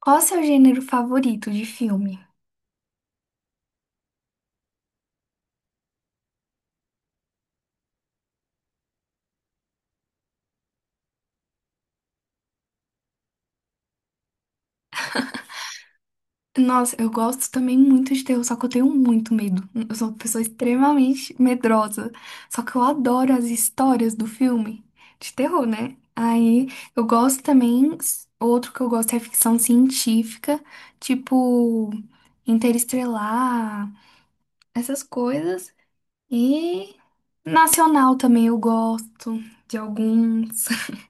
Qual é o seu gênero favorito de filme? Nossa, eu gosto também muito de terror, só que eu tenho muito medo. Eu sou uma pessoa extremamente medrosa. Só que eu adoro as histórias do filme de terror, né? Aí eu gosto também. Outro que eu gosto é ficção científica, tipo Interestelar, essas coisas. E nacional também eu gosto de alguns.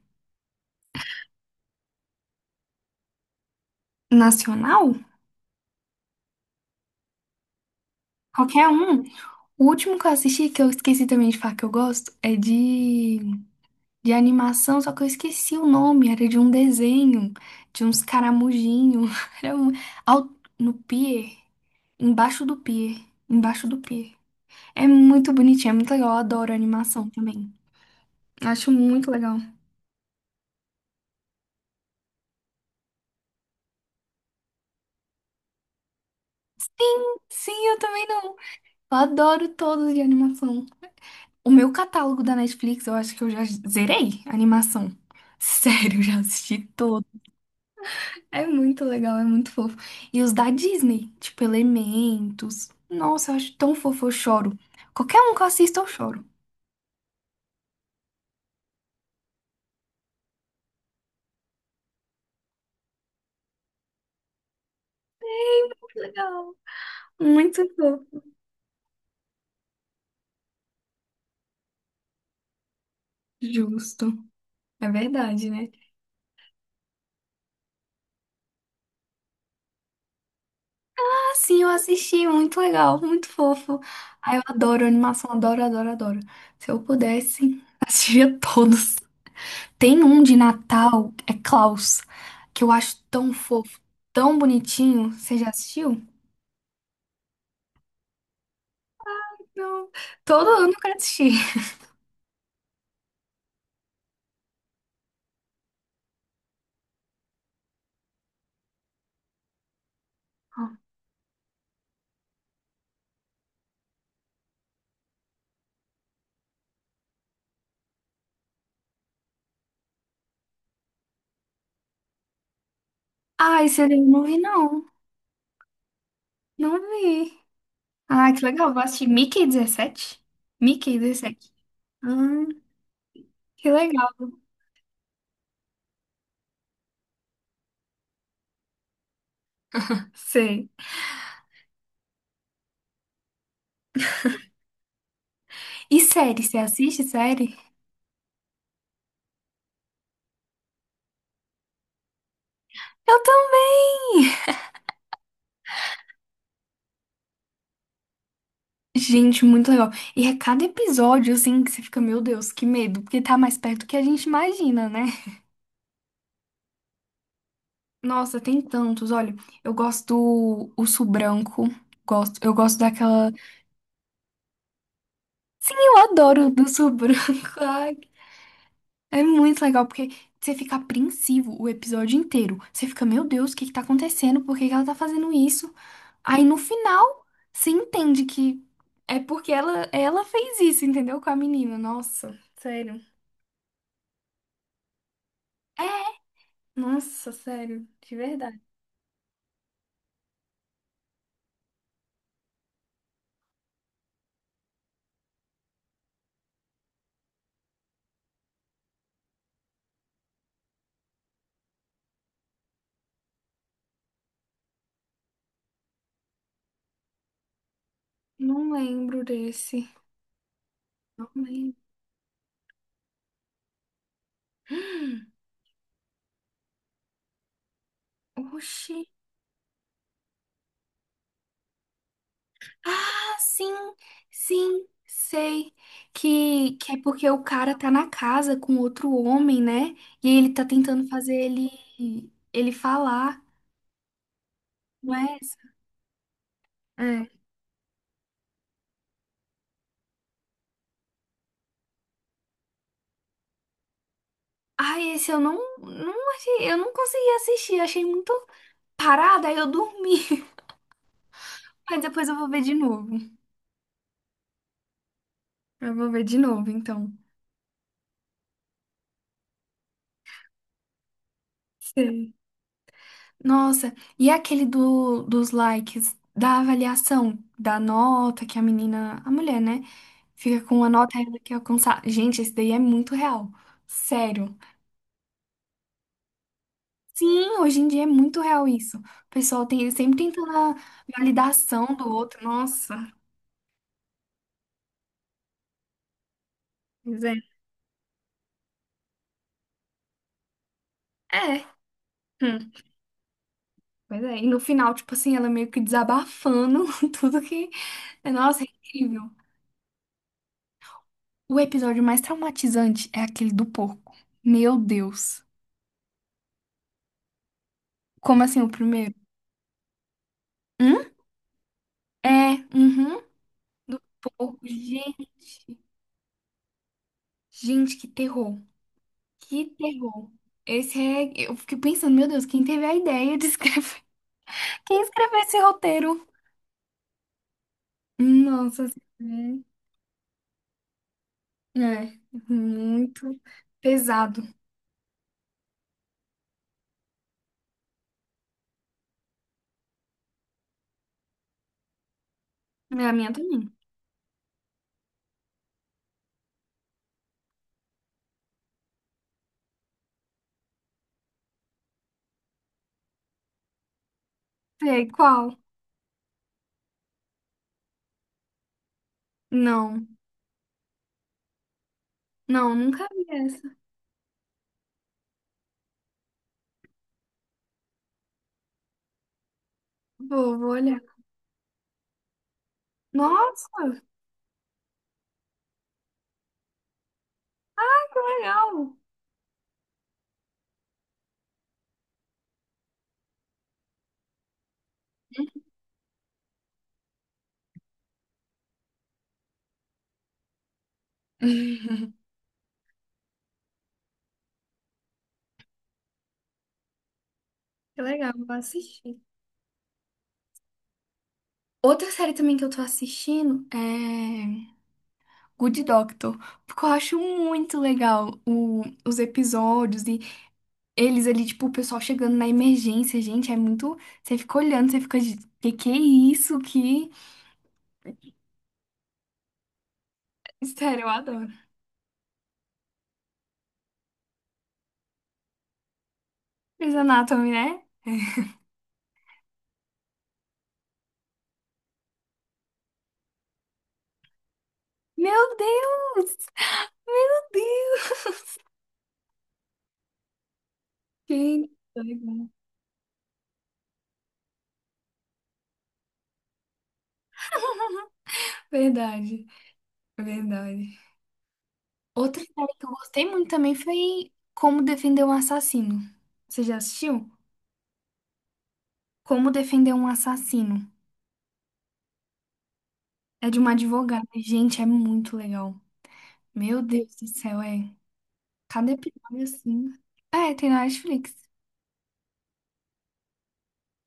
Nacional? Qualquer um. O último que eu assisti, que eu esqueci também de falar que eu gosto, é de animação, só que eu esqueci o nome, era de um desenho, de uns caramujinhos, era um, ao- no pier, embaixo do pier, embaixo do pier. É muito bonitinho, é muito legal, eu adoro animação também. Acho muito legal. Sim, sim, eu também não. Eu adoro todos de animação. O meu catálogo da Netflix, eu acho que eu já zerei a animação. Sério, eu já assisti. É muito legal, é muito fofo. E os da Disney, tipo Elementos. Nossa, eu acho tão fofo, eu choro. Qualquer um que eu assista, eu choro. Que legal. Muito fofo. Justo. É verdade, né? Ah, sim, eu assisti, muito legal, muito fofo. Ah, eu adoro animação, adoro, adoro, adoro. Se eu pudesse, assistia todos. Tem um de Natal, é Klaus, que eu acho tão fofo, tão bonitinho. Você já assistiu? Não. Todo ano eu quero assistir. Ai, esse anime eu não vi, não. Não vi. Ah, que legal. Vou assistir Mickey 17? Mickey 17. Hum, que legal. Sei. E série? Você assiste série? Eu também! Gente, muito legal. E é cada episódio, assim, que você fica, meu Deus, que medo. Porque tá mais perto do que a gente imagina, né? Nossa, tem tantos. Olha, eu gosto do Urso Branco. Gosto, eu gosto daquela. Sim, eu adoro o do Urso Branco. Ai, é muito legal, porque você fica apreensivo o episódio inteiro. Você fica, meu Deus, o que que tá acontecendo? Por que que ela tá fazendo isso? Aí no final, você entende que é porque ela fez isso, entendeu? Com a menina. Nossa, sério. É, nossa, sério, de verdade. Não lembro desse. Não lembro. Oxi. Ah, sim, sim, sei. Que é porque o cara tá na casa com outro homem, né? E ele tá tentando fazer ele, ele falar, não é essa? É. Ai, esse eu não achei, eu não consegui assistir, achei muito parada, aí eu dormi. Mas depois eu vou ver de novo. Eu vou ver de novo, então. Sei. Nossa, e aquele do, dos likes, da avaliação, da nota que a menina, a mulher, né? Fica com a nota ela que alcançar. Gente, esse daí é muito real. Sério. Sim, hoje em dia é muito real isso. O pessoal tem, sempre tentando a validação do outro. Nossa. Pois é. É. Hum, pois é. E no final, tipo assim, ela meio que desabafando tudo que. Nossa, é incrível. O episódio mais traumatizante é aquele do porco. Meu Deus. Como assim o primeiro? Hum? É, uhum. Do povo. Gente, gente, que terror. Que terror. Esse é. Eu fiquei pensando, meu Deus, quem teve a ideia de escrever? Quem escreveu esse roteiro? Nossa, é, é muito pesado. É a minha também. Sei qual? Não, não, nunca vi essa. Vou olhar. Nossa, que legal. Que legal, vou assistir. Outra série também que eu tô assistindo é. Good Doctor, porque eu acho muito legal o- os episódios e eles ali, tipo, o pessoal chegando na emergência, gente, é muito. Você fica olhando, você fica de. Que é isso? Que. Sério, eu adoro. Grey's Anatomy, né? Meu Deus! Gente, que legal. Verdade, verdade. Outra série que eu gostei muito também foi Como Defender um Assassino. Você já assistiu? Como Defender um Assassino. É de uma advogada. Gente, é muito legal. Meu Deus do céu, é. Cada episódio assim. É, tem na Netflix.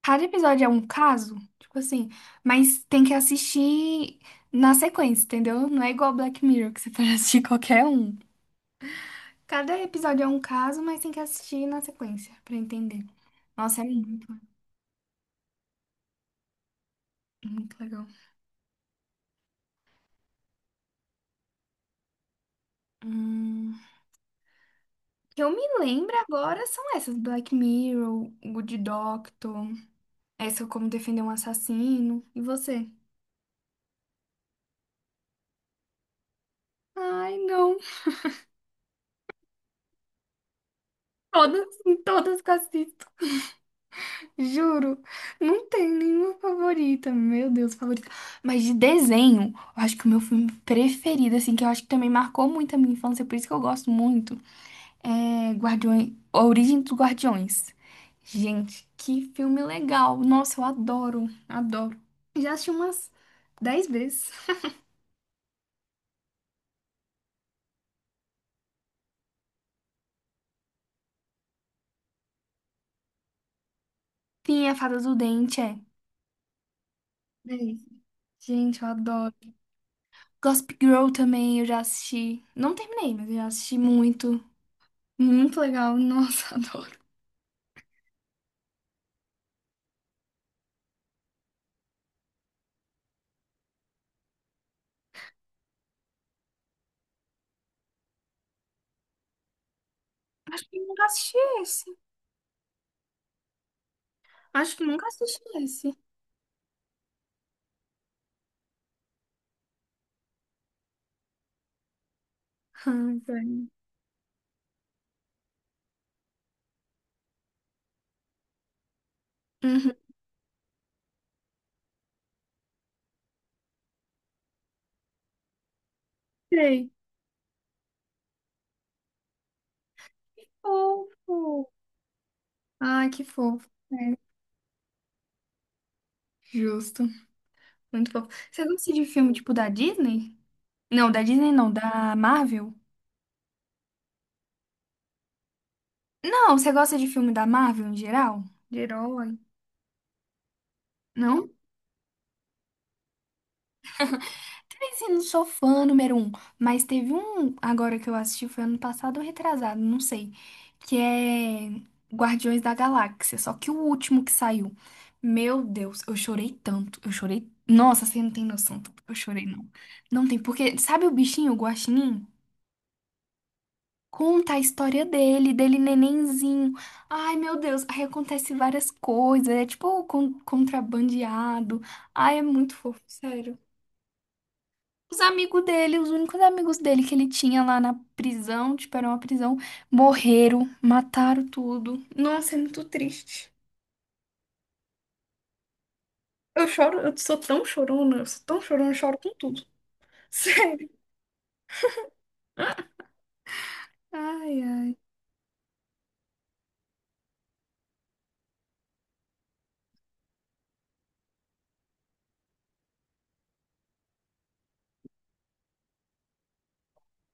Cada episódio é um caso, tipo assim, mas tem que assistir na sequência, entendeu? Não é igual Black Mirror, que você pode assistir qualquer um. Cada episódio é um caso, mas tem que assistir na sequência pra entender. Nossa, é muito, muito legal. Hum, que eu me lembro agora são essas: Black Mirror, Good Doctor, essa como defender um assassino. E você? Ai, não. Todas, todas que eu assisto, juro. Não tem nenhuma favorita. Meu Deus, favorita. Mas de desenho, eu acho que o meu filme preferido, assim, que eu acho que também marcou muito a minha infância, por isso que eu gosto muito, é Guardiões, A Origem dos Guardiões. Gente, que filme legal. Nossa, eu adoro, adoro. Já assisti umas 10 vezes. Sim, a Fada do Dente, é. 10. Gente, eu adoro. Gossip Girl também, eu já assisti. Não terminei, mas eu já assisti muito. Muito legal. Nossa, adoro. Acho que nunca assisti esse. Acho que nunca assisti esse. Ai, velho. Uhum. Sei. Fofo. Ai, que fofo. É, justo. Muito fofo. Você gosta de filme tipo da Disney? Não, da Disney não, da Marvel? Não, você gosta de filme da Marvel em geral? De herói? Não? Assim, não sou fã número um, mas teve um agora que eu assisti, foi ano passado ou retrasado, não sei, que é Guardiões da Galáxia, só que o último que saiu. Meu Deus, eu chorei tanto, eu chorei. Nossa, você não tem noção, do tanto que eu chorei, não. Não tem, porque sabe o bichinho, o guaxinim? Conta a história dele, nenenzinho. Ai, meu Deus, aí acontece várias coisas, é tipo con- contrabandeado. Ai, é muito fofo, sério. Os amigos dele, os únicos amigos dele que ele tinha lá na prisão, tipo, era uma prisão, morreram, mataram tudo. Nossa, é muito triste. Eu choro, eu sou tão chorona, eu sou tão chorona, eu choro com tudo. Sério. Ai, ai.